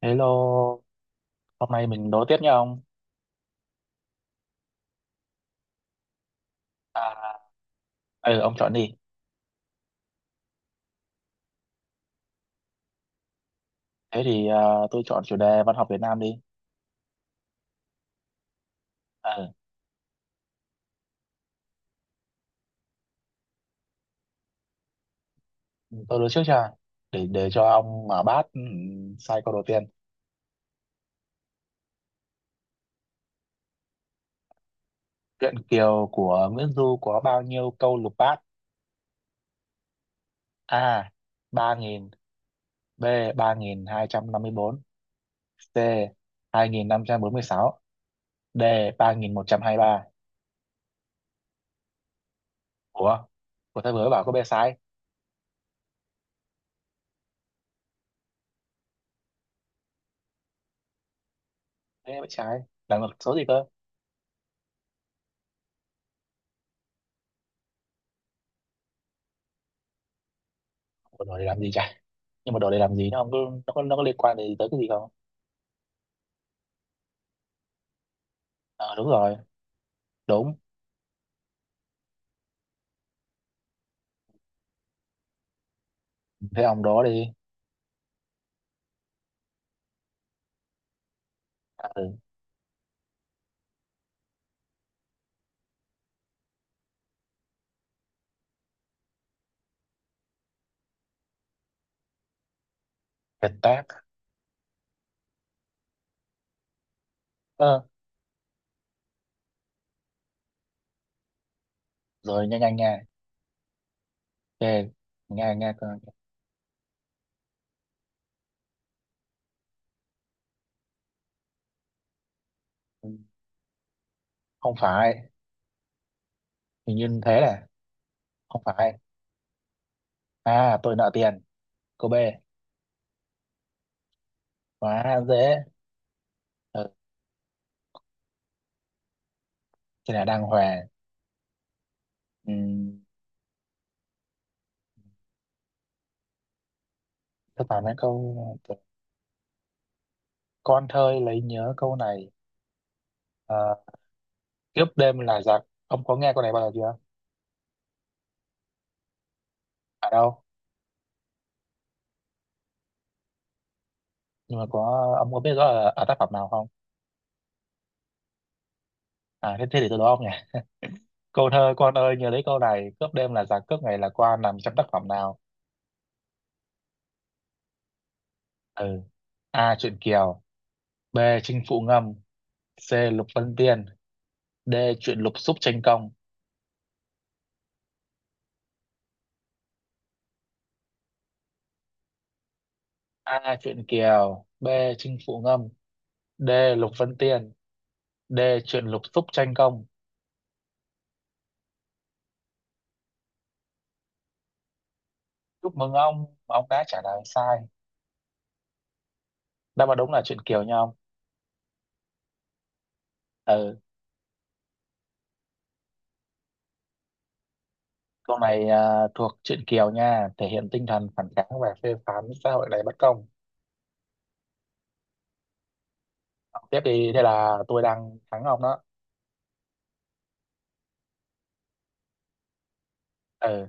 Hello, hôm nay mình đố tiếp nha ông. À, ừ, ông chọn đi. Thế thì tôi chọn chủ đề văn học Việt Nam đi. Ừ, tôi đối trước cho để cho ông mở bát, sai câu đầu tiên. Truyện Kiều của Nguyễn Du có bao nhiêu câu lục bát? A. 3.000 B. 3.254 C. 2.546 D. 3.123 Ủa? Của tôi vừa mới bảo có B sai. Thế mới trái. Là một số gì cơ? Ủa, rồi để làm gì chả? Nhưng mà đổ để làm gì nó không có, nó có liên quan gì tới cái gì không? Ờ, đúng rồi. Đúng. Thế ông đó đi. À, ừ. Việt Táp. Ờ, rồi nhanh nhanh nha. Ok, nha nha. Không phải. Hình như thế là không phải. À, tôi nợ tiền. Cô B. Quá dễ. Ừ, thế là đang hòa. Ừ, tôi bảo mấy câu con thơi lấy nhớ câu này. Ờ, kiếp đêm là giặc. Ông có nghe câu này bao giờ chưa? Ở đâu? Nhưng mà có ông có biết rõ là ở tác phẩm nào không? Thế thì tôi đố ông nhỉ. Câu thơ Quan ơi nhớ lấy câu này, cướp đêm là giặc, cướp ngày là quan nằm trong tác phẩm nào? Ừ. A. Truyện Kiều B. Chinh Phụ Ngâm C. Lục Vân Tiên D. Truyện Lục Xúc Tranh Công. A. Truyện Kiều B. Chinh Phụ Ngâm D. Lục Vân Tiên D. Truyện Lục Xúc Tranh Công. Chúc mừng ông đã trả lời sai. Đáp án đúng là Truyện Kiều nha ông. Ừ, câu này thuộc Truyện Kiều nha, thể hiện tinh thần phản kháng và phê phán xã hội đầy bất công. Ông tiếp đi, thế là tôi đang thắng ông đó. Ừ.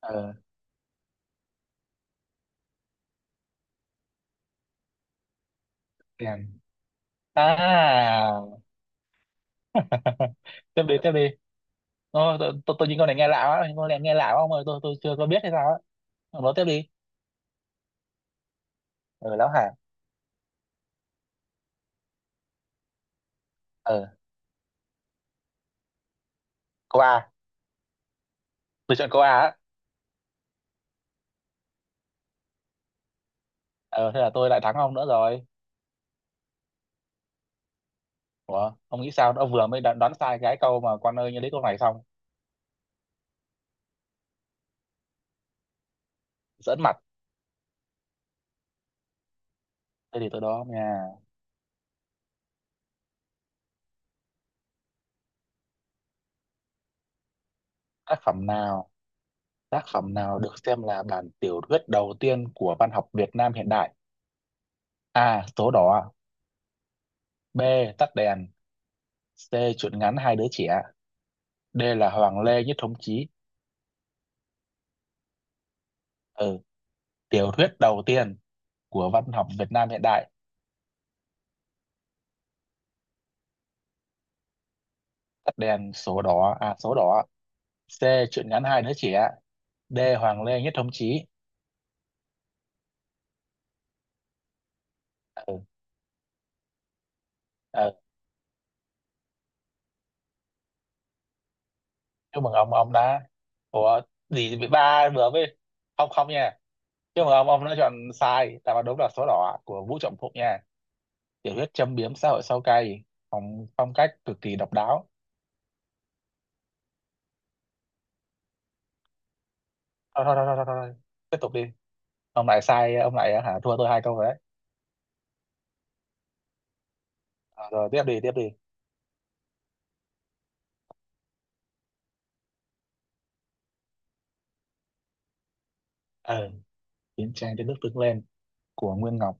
Ờ, đèn à. Tiếp đi, tiếp đi. Ô, tôi nhìn con này nghe lạ quá, con này nghe lạ quá ông ơi, tôi chưa có biết hay sao á. Ông nói tiếp đi. Ừ, lão hả. Ờ, câu A. Tôi chọn câu A á. Ờ, thế là tôi lại thắng ông nữa rồi. Ủa ông nghĩ sao ông vừa mới đoán sai cái câu mà con ơi như lấy câu này xong. Giỡn mặt. Thế thì tôi đó nha. Tác phẩm nào, tác phẩm nào được xem là bản tiểu thuyết đầu tiên của văn học Việt Nam hiện đại? A số đỏ B tắt đèn C truyện ngắn hai đứa trẻ D là Hoàng Lê Nhất Thống Chí. Ừ. Tiểu thuyết đầu tiên của văn học Việt Nam hiện đại. Tắt đèn số đỏ à, số đỏ. C truyện ngắn hai đứa trẻ. D Hoàng Lê Nhất Thống Chí. Ừ. Ừ. Chúc mừng ông đã. Ủa. Gì bị ba vừa với. Không không nha. Chúc mừng ông đã chọn sai. Đáp án đúng là số đỏ của Vũ Trọng Phụng nha. Tiểu thuyết châm biếm xã hội sâu cay, phong phong cách cực kỳ độc đáo. Thôi thôi thôi thôi, thôi. Thôi. Tiếp tục đi. Ông lại sai, ông lại hả, thua tôi hai câu rồi đấy. Ờ, rồi tiếp đi, tiếp đi. Ờ, chiến tranh đến nước Tương lên của Nguyên Ngọc.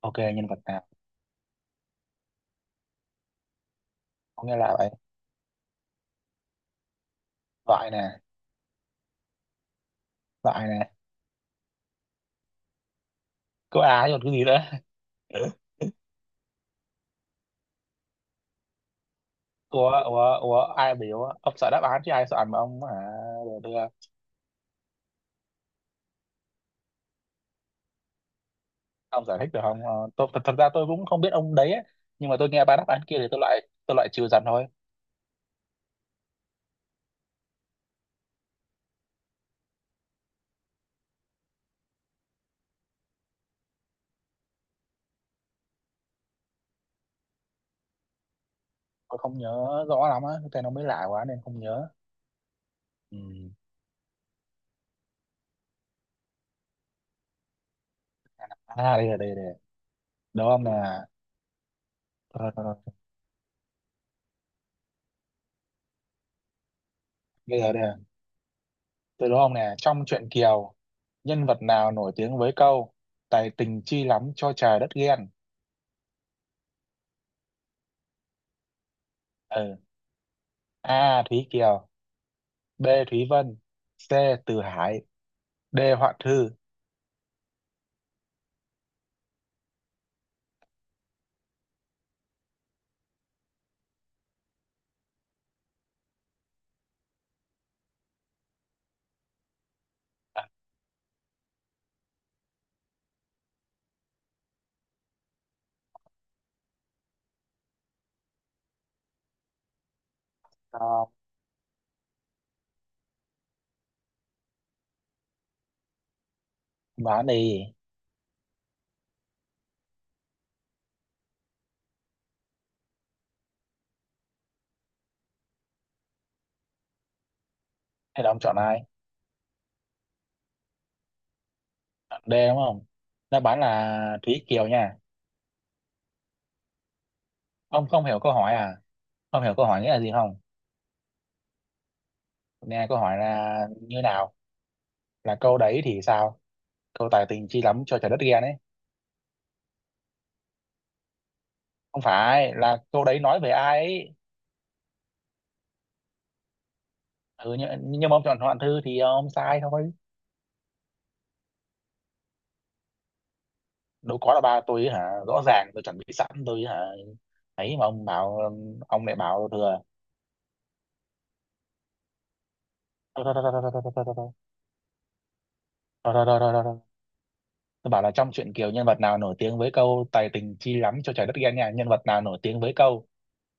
Ok, nhân vật nào. Có nghe là vậy. Loại nè. Loại nè. Có ai còn cái gì nữa. Ủa ủa ủa, ai biểu ông sợ đáp án chứ ai sợ ảnh mà ông được đưa. Ông giải thích được không? Ờ, thật ra tôi cũng không biết ông đấy ấy. Nhưng mà tôi nghe ba đáp án kia thì tôi loại, tôi loại trừ dần thôi. Tôi không nhớ rõ lắm á, cái tên nó mới lạ quá nên không nhớ. Ừ. À đây là đúng không là. Rồi, rồi, rồi. Bây giờ đây. Từ đúng không nè, trong truyện Kiều, nhân vật nào nổi tiếng với câu Tài tình chi lắm cho trời đất ghen? Ừ. A. Thúy Kiều, B. Thúy Vân, C. Từ Hải, D. Hoạn Thư. À, đoán đi, hay là ông chọn ai? Chọn D đúng không? Đáp án là Thúy Kiều nha. Ông không hiểu câu hỏi à? Không hiểu câu hỏi nghĩa là gì không? Nghe câu hỏi là như nào? Là câu đấy thì sao? Câu tài tình chi lắm cho trời đất ghen ấy. Không phải, là câu đấy nói về ai ấy? Ừ, nhưng mà ông chọn Hoạn Thư thì ông sai thôi. Đâu có, là ba tôi hả, rõ ràng tôi chuẩn bị sẵn tôi hả. Ấy mà ông bảo, ông lại bảo thừa. Thôi thôi thôi thôi thôi thôi thôi thôi thôi. Thôi thôi thôi thôi thôi thôi Tôi bảo là trong truyện Kiều nhân vật nào nổi tiếng với câu tài tình chi lắm cho trời đất ghen nha, nhân vật nào nổi tiếng với câu,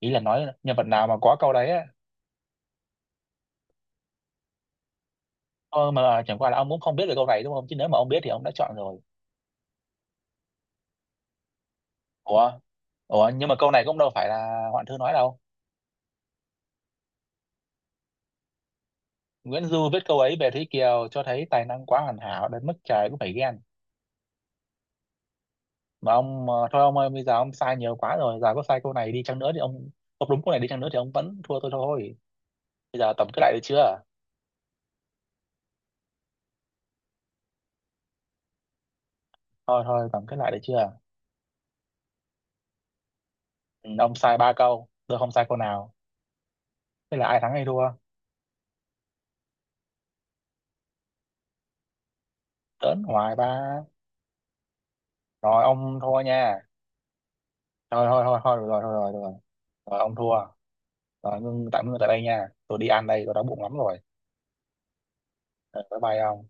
ý là nói nhân vật nào mà có câu đấy á. Ờ, mà chẳng qua là ông cũng không biết về câu này đúng không, chứ nếu mà ông biết thì ông đã chọn rồi. Ủa, nhưng mà câu này cũng đâu phải là Hoạn Thư nói đâu. Nguyễn Du viết câu ấy về Thúy Kiều cho thấy tài năng quá hoàn hảo đến mức trời cũng phải ghen. Mà ông thôi ông ơi, bây giờ ông sai nhiều quá rồi, giờ có sai câu này đi chăng nữa thì ông đúng câu này đi chăng nữa thì ông vẫn thua tôi thôi. Bây giờ tổng kết lại được chưa? Thôi thôi tổng kết lại được chưa? Ừ, ông sai ba câu, tôi không sai câu nào. Thế là ai thắng hay thua? Tớn hoài ba. Rồi ông thua nha. Thôi thôi thôi thôi được rồi, thôi rồi được rồi. Rồi ông thua. Rồi ngưng, tạm ngưng tại đây nha, tôi đi ăn đây, tôi đói bụng lắm rồi. Ờ, bye bye ông.